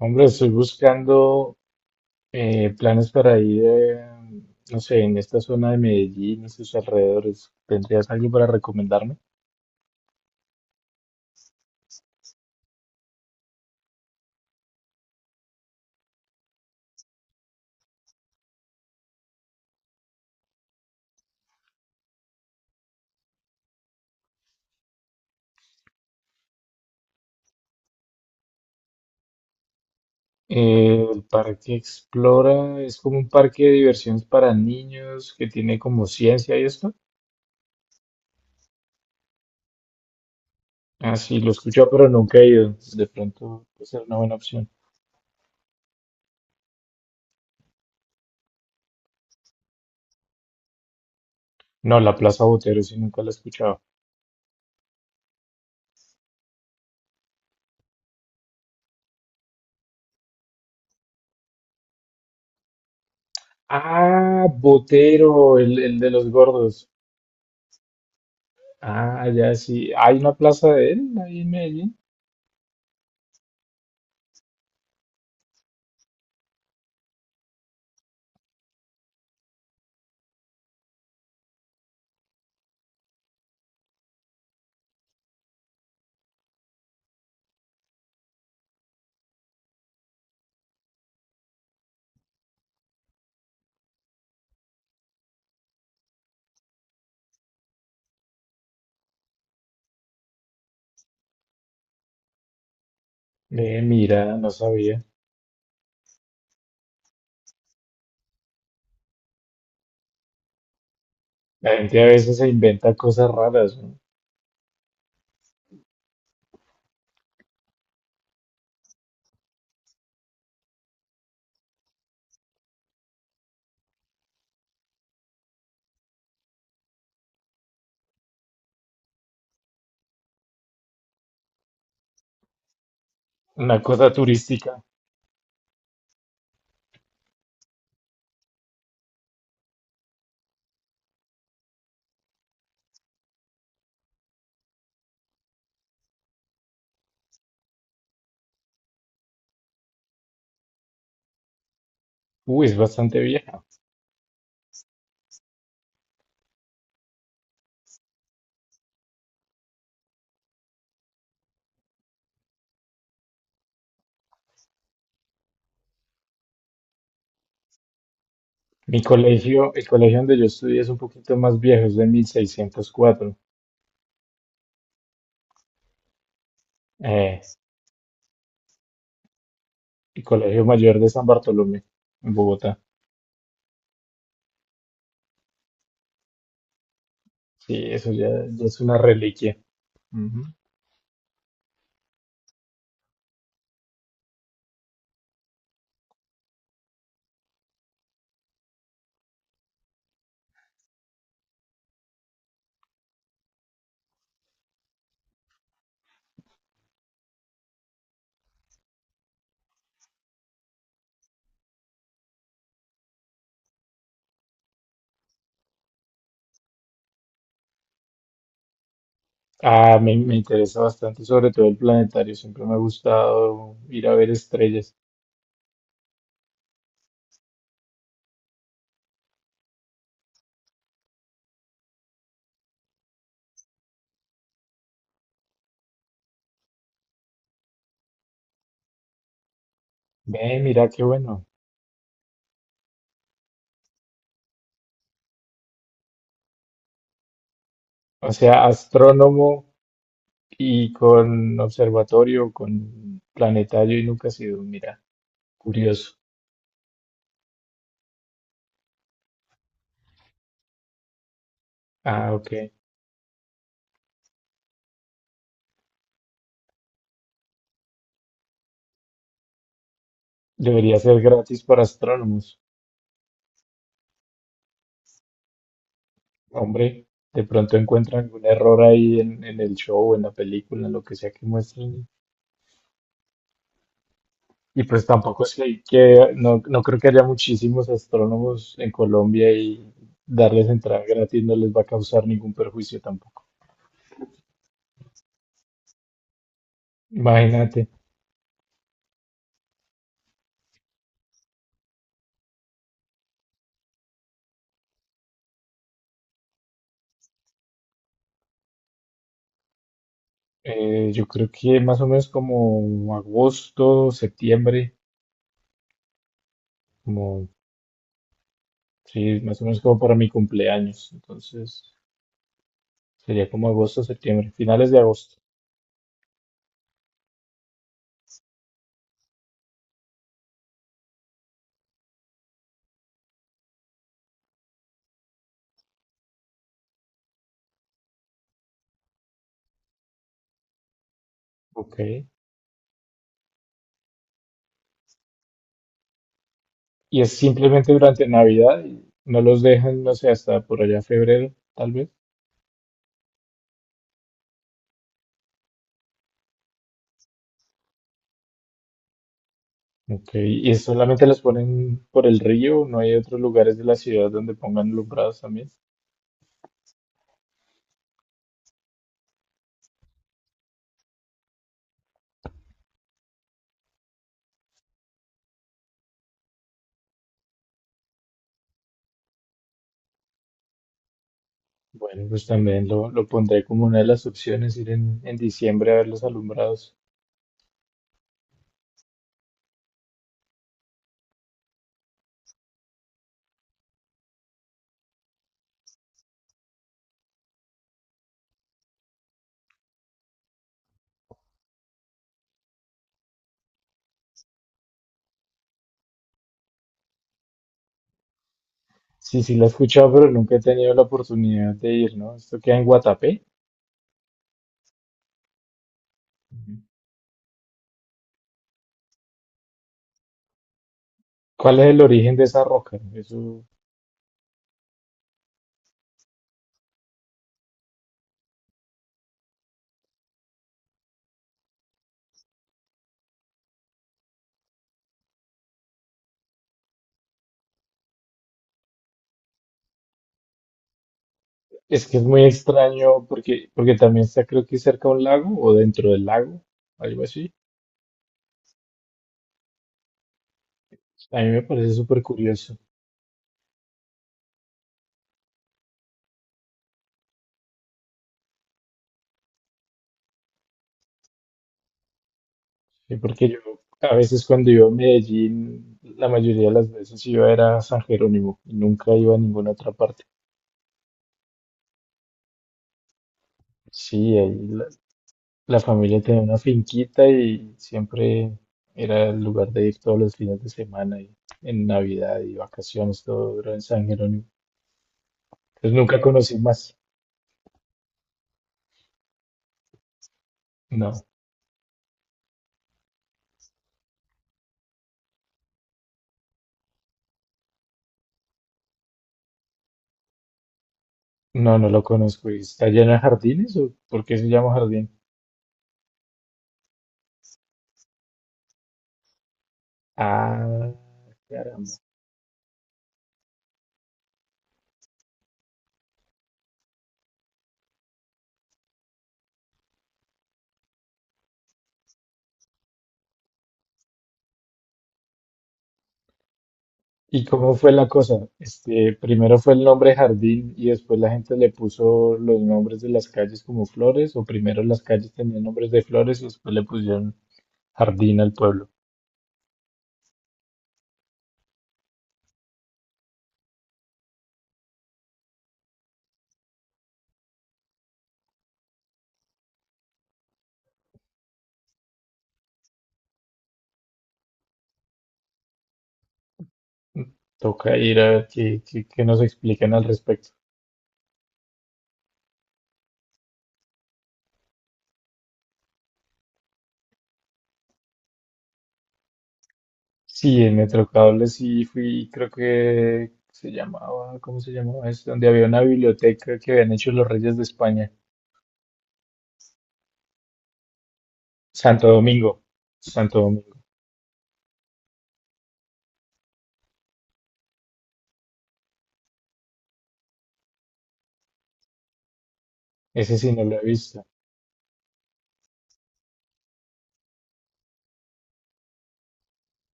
Hombre, estoy buscando planes para ir, no sé, en esta zona de Medellín y sus alrededores. ¿Tendrías algo para recomendarme? El Parque Explora es como un parque de diversiones para niños que tiene como ciencia y esto. Ah, sí, lo he escuchado, pero nunca he ido. De pronto puede ser una buena opción. No, la Plaza Botero sí nunca la he escuchado. Ah, Botero, el de los gordos. Ah, ya sí. ¿Hay una plaza de él ahí en Medellín? Mira, no sabía. La gente a veces se inventa cosas raras, ¿no? Una cosa turística. Uy, es bastante vieja. Mi colegio, el colegio donde yo estudié es un poquito más viejo, es de 1604. Eh, el colegio mayor de San Bartolomé, en Bogotá. Sí, eso ya, ya es una reliquia. Ujú. Ah, me interesa bastante, sobre todo el planetario. Siempre me ha gustado ir a ver estrellas. Ve, mira qué bueno. O sea, astrónomo. Y con observatorio, con planetario y nunca ha sido, mira, curioso. Ah, ok. Debería ser gratis para astrónomos. Hombre, de pronto encuentran algún error ahí en el show, en la película, en lo que sea que muestren. Y pues tampoco es que, hay que- no, no creo que haya muchísimos astrónomos en Colombia y darles entrada gratis no les va a causar ningún perjuicio tampoco. Imagínate, yo creo que más o menos como agosto, septiembre, como. Sí, más o menos como para mi cumpleaños. Entonces, sería como agosto, septiembre, finales de agosto. Ok. Y es simplemente durante Navidad. Y no los dejan, no sé, hasta por allá febrero, tal vez. Ok. Y solamente los ponen por el río. No hay otros lugares de la ciudad donde pongan alumbrados también. Bueno, pues también lo pondré como una de las opciones, ir en diciembre a ver los alumbrados. Sí, sí, la he escuchado, pero nunca he tenido la oportunidad de ir, ¿no? Esto queda en Guatapé. Ujú. ¿Cuál es el origen de esa roca? Eso. Es que es muy extraño porque, porque también está creo que cerca a un lago o dentro del lago, algo así. A mí me parece súper curioso, sí, porque yo a veces cuando iba a Medellín, la mayoría de las veces iba era a San Jerónimo y nunca iba a ninguna otra parte. Sí, ahí la familia tenía una finquita y siempre era el lugar de ir todos los fines de semana y en Navidad y vacaciones, todo era en San Jerónimo. Entonces nunca conocí más, no. No, no lo conozco. ¿Y está lleno de jardines o por qué se llama jardín? Ah, caramba. ¿Y cómo fue la cosa? Este, primero fue el nombre jardín y después la gente le puso los nombres de las calles como flores, o primero las calles tenían nombres de flores y después le pusieron jardín al pueblo. Mm, toca ir a ver qué, qué- qué nos explican al respecto. Sí, en Metrocable sí fui, creo que se llamaba, ¿cómo se llamaba? Es donde había una biblioteca que habían hecho los reyes de España. Santo Domingo, Santo Domingo. Ese sí no lo he visto.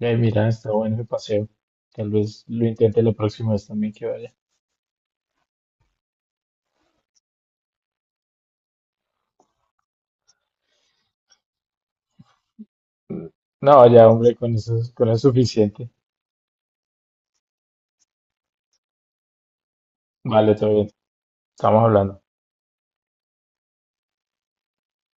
Mira, está bueno el paseo. Tal vez lo intente la próxima vez también que vaya. No, ya, hombre, con eso es suficiente. Vale, todo bien. Estamos hablando.